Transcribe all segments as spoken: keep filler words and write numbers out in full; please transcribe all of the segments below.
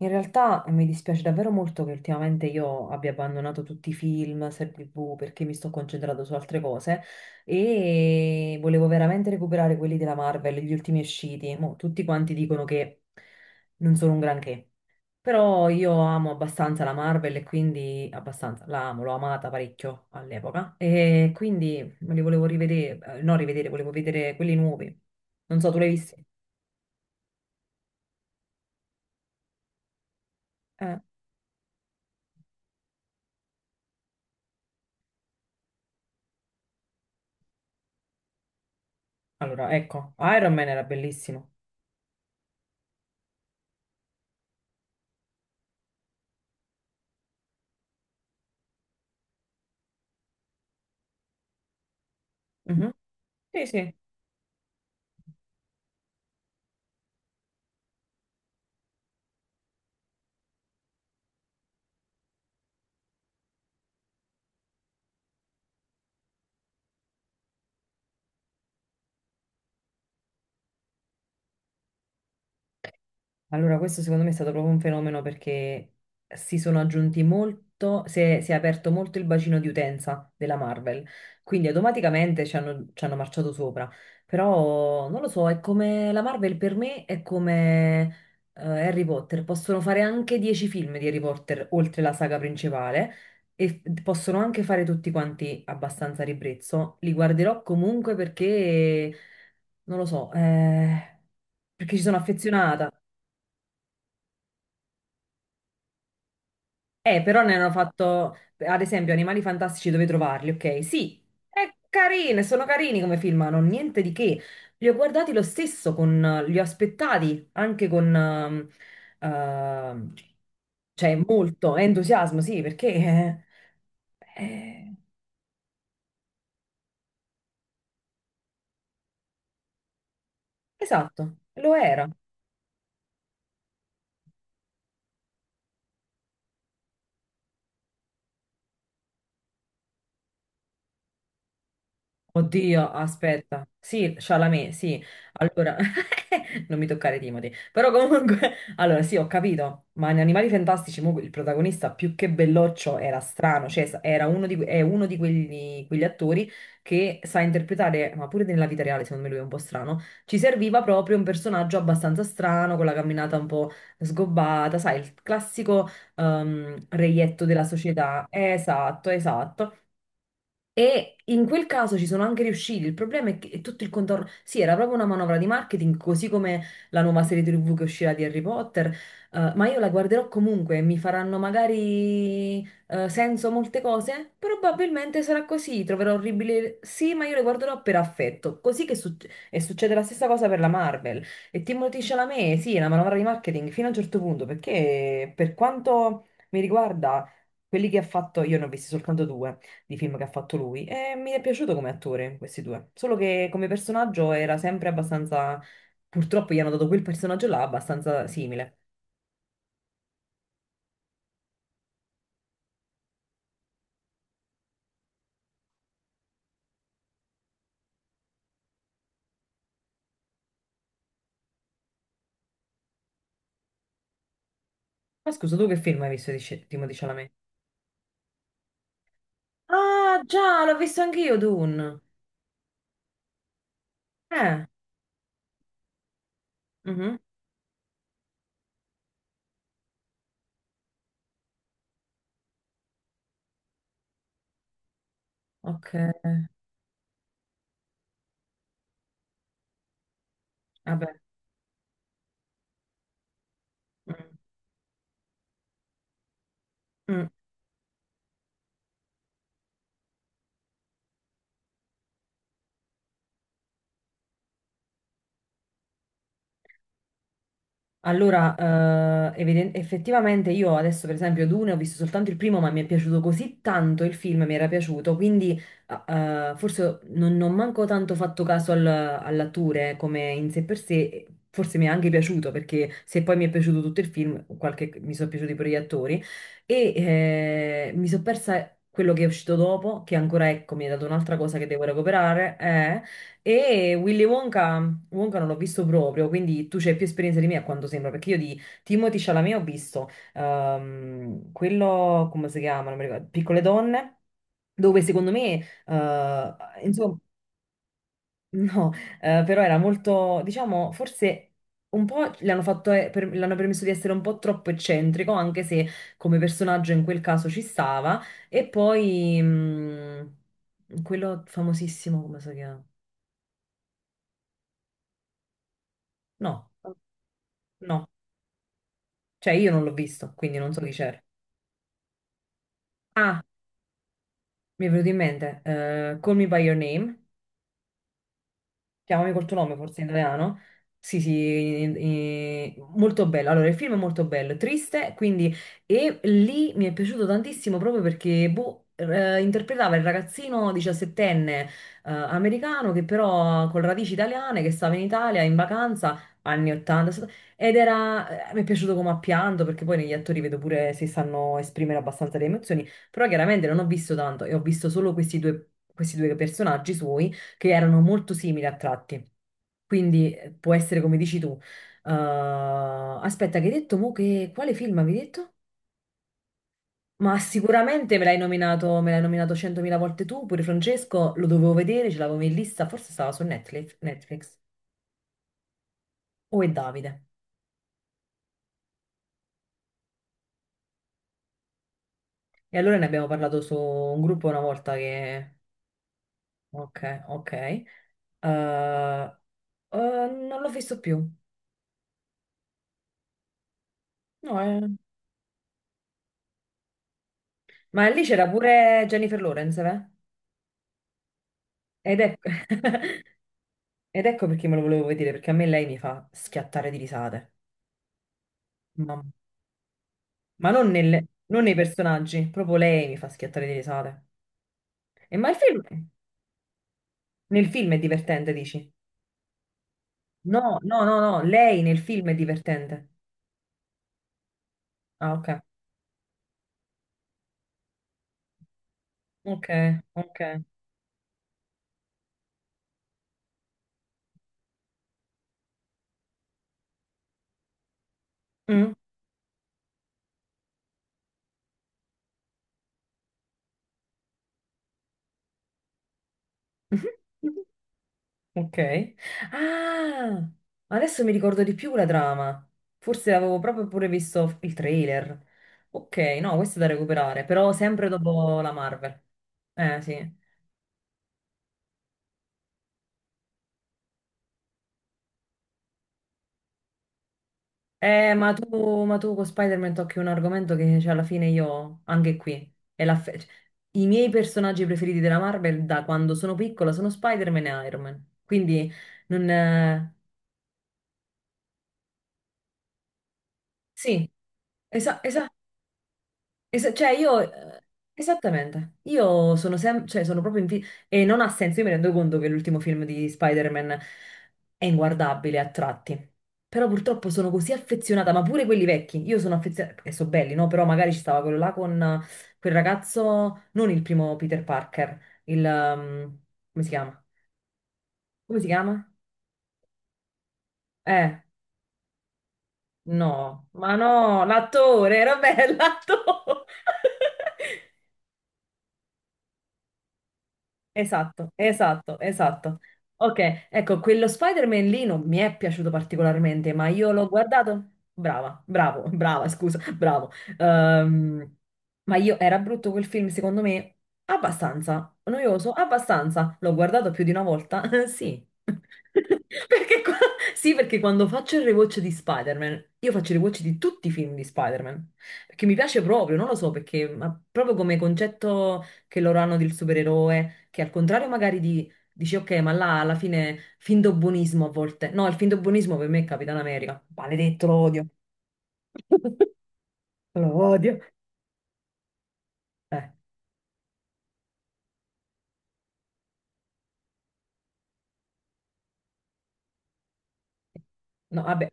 In realtà eh, mi dispiace davvero molto che ultimamente io abbia abbandonato tutti i film, serie T V, perché mi sto concentrando su altre cose e volevo veramente recuperare quelli della Marvel, gli ultimi usciti. Mo, tutti quanti dicono che non sono un granché, però io amo abbastanza la Marvel e quindi abbastanza, la amo, l'ho amata parecchio all'epoca e quindi me li volevo rivedere, eh, no rivedere, volevo vedere quelli nuovi. Non so, tu li hai visti? Eh, allora, ecco, Iron Man era bellissimo. Mhm. Sì, sì. Allora, questo secondo me è stato proprio un fenomeno perché si sono aggiunti molto, si è, si è aperto molto il bacino di utenza della Marvel, quindi automaticamente ci hanno, ci hanno marciato sopra. Però non lo so, è come la Marvel per me è come eh, Harry Potter, possono fare anche dieci film di Harry Potter oltre la saga principale e f- possono anche fare tutti quanti abbastanza a ribrezzo. Li guarderò comunque perché, non lo so, eh, perché ci sono affezionata. Eh, però ne hanno fatto, ad esempio, Animali Fantastici dove trovarli, ok? Sì, è carine, sono carini come film, ma non niente di che. Li ho guardati lo stesso, con, li ho aspettati anche con, ehm, ehm, cioè, molto entusiasmo, sì, perché... eh, eh, esatto, lo era. Oddio, aspetta. Sì, Chalamet, sì. Allora, non mi toccare Timothy. Però comunque, allora sì, ho capito, ma in Animali Fantastici mo, il protagonista più che belloccio era strano, cioè sa- era uno di, que- è uno di quelli, quegli attori che sa interpretare, ma pure nella vita reale, secondo me lui è un po' strano, ci serviva proprio un personaggio abbastanza strano, con la camminata un po' sgobbata, sai, il classico ehm, reietto della società. Esatto, esatto. E in quel caso ci sono anche riusciti. Il problema è che è tutto il contorno. Sì, era proprio una manovra di marketing, così come la nuova serie T V che uscirà di Harry Potter. eh, ma io la guarderò comunque, mi faranno magari eh, senso molte cose. Probabilmente sarà così. Troverò orribile. Sì, ma io le guarderò per affetto. Così che suc- e succede la stessa cosa per la Marvel. E Timothée Chalamet, sì, è una manovra di marketing fino a un certo punto, perché per quanto mi riguarda, quelli che ha fatto, io ne ho visti soltanto due di film che ha fatto lui e mi è piaciuto come attore, questi due. Solo che come personaggio era sempre abbastanza, purtroppo gli hanno dato quel personaggio là abbastanza simile. Ma scusa, tu che film hai visto di Sci- Timothée Chalamet? Ah, già, l'ho visto anch'io, Dune. Eh, mhm. Ok, vabbè. Mm, mm. Allora, eh, eviden- effettivamente io adesso per esempio Dune ho visto soltanto il primo, ma mi è piaciuto così tanto il film, mi era piaciuto, quindi eh, forse non, non manco tanto fatto caso al- all'attore come in sé per sé, forse mi è anche piaciuto perché se poi mi è piaciuto tutto il film, qualche- mi sono piaciuti pure gli attori e eh, mi sono persa quello che è uscito dopo, che ancora ecco mi ha dato un'altra cosa che devo recuperare, e Willy Wonka, Wonka non l'ho visto proprio, quindi tu c'hai più esperienza di me a quanto sembra, perché io di Timothy Chalamet ho visto ehm, quello, come si chiama, non mi ricordo, Piccole donne, dove secondo me, eh, insomma, no, eh, però era molto, diciamo, forse un po' l'hanno fatto, eh, per- l'hanno permesso di essere un po' troppo eccentrico, anche se come personaggio in quel caso ci stava, e poi mm, quello famosissimo, come si chiama? No. No, cioè, io non l'ho visto, quindi non so chi c'era. Ah, mi è venuto in mente, eh, Call Me By Your Name, Chiamami col tuo nome, forse in italiano. Sì, sì, in- in- molto bello. Allora, il film è molto bello, triste, quindi... E lì mi è piaciuto tantissimo proprio perché, boh, eh, interpretava il ragazzino diciassettenne, eh, americano che però con radici italiane, che stava in Italia in vacanza, anni ottanta, sett- ed era... eh, mi è piaciuto come ha pianto, perché poi negli attori vedo pure se sanno esprimere abbastanza le emozioni, però chiaramente non ho visto tanto e ho visto solo questi due, questi due personaggi suoi che erano molto simili a tratti. Quindi eh, può essere come dici tu. Eh, Aspetta, che hai detto mo che quale film avevi detto? Ma sicuramente me l'hai nominato, me l'hai nominato centomila volte tu, pure Francesco, lo dovevo vedere, ce l'avevo in lista, forse stava su Netflix, Netflix. O è Davide. E allora ne abbiamo parlato su un gruppo una volta che... Ok, ok. Eh, eh, non l'ho visto più. No, eh. Ma lì c'era pure Jennifer Lawrence, eh? Ed è... Ed ecco perché me lo volevo vedere, perché a me lei mi fa schiattare di risate. Mamma. Ma non, nelle- non nei personaggi, proprio lei mi fa schiattare di risate. E ma il film, nel film è divertente, dici? No, no, no, no, lei nel film è divertente. Ah, ok, ok, ok. Mm. Ok. Ah, adesso mi ricordo di più la trama. Forse avevo proprio pure visto il trailer. Ok, no, questo è da recuperare, però sempre dopo la Marvel. Eh, sì. Eh, ma tu, ma tu, con Spider-Man tocchi un argomento che cioè, alla fine io, anche qui, è la fe- cioè, i miei personaggi preferiti della Marvel da quando sono piccola sono Spider-Man e Iron Man. Quindi non... eh, Sì, esatto. Es- cioè io, eh, esattamente, io sono sempre, cioè sono proprio in fi- e non ha senso, io mi rendo conto che l'ultimo film di Spider-Man è inguardabile a tratti, però purtroppo sono così affezionata, ma pure quelli vecchi, io sono affezionata, e sono belli, no? Però magari ci stava quello là con eh, quel ragazzo, non il primo Peter Parker, il, ehm, come si chiama? Come si chiama? Eh, no, ma no, l'attore, era bello, l'attore. Esatto, esatto, esatto. Ok, ecco, quello Spider-Man lì non mi è piaciuto particolarmente, ma io l'ho guardato. Brava, bravo, brava, scusa, bravo. Ehm, ma io era brutto quel film, secondo me? Abbastanza. Noioso? Abbastanza. L'ho guardato più di una volta? Sì. Perché qua- Sì, perché quando faccio il rewatch di Spider-Man, io faccio il rewatch di tutti i film di Spider-Man. Perché mi piace proprio, non lo so, perché ma proprio come concetto che loro hanno del supereroe, che al contrario magari di, dici ok, ma là alla fine finto buonismo a volte. No, il finto buonismo per me è Capitan America. Maledetto, lo odio. Lo odio. Eh. No, vabbè,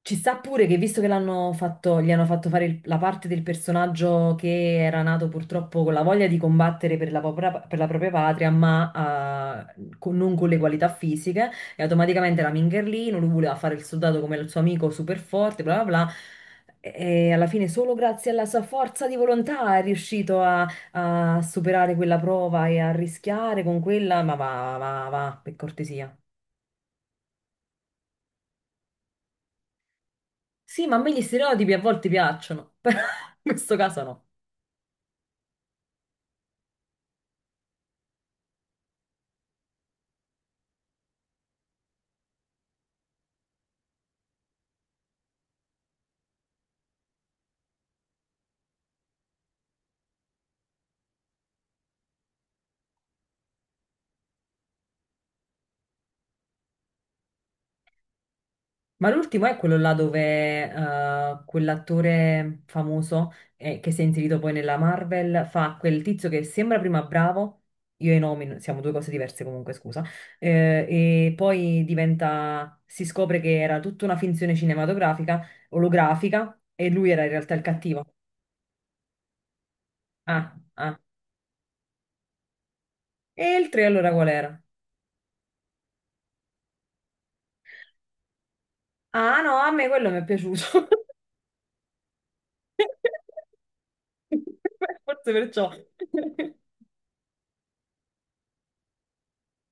ci sta pure che visto che l'hanno fatto, gli hanno fatto fare il- la parte del personaggio che era nato purtroppo con la voglia di combattere per la propria, per la propria patria, ma eh, con- non con le qualità fisiche, e automaticamente era Mingerlino, lui voleva fare il soldato come il suo amico super forte, bla bla bla, e alla fine solo grazie alla sua forza di volontà è riuscito a, a superare quella prova e a rischiare con quella, ma va, va, va, per cortesia. Sì, ma a me gli stereotipi a volte piacciono, però in questo caso no. Ma l'ultimo è quello là dove eh, quell'attore famoso eh, che si è inserito poi nella Marvel fa quel tizio che sembra prima bravo, io e i nomi n- siamo due cose diverse comunque, scusa, eh, e poi diventa, si scopre che era tutta una finzione cinematografica, olografica, e lui era in realtà il cattivo. Ah, ah. E il tre allora qual era? Ah no, a me quello mi è piaciuto. Forse perciò.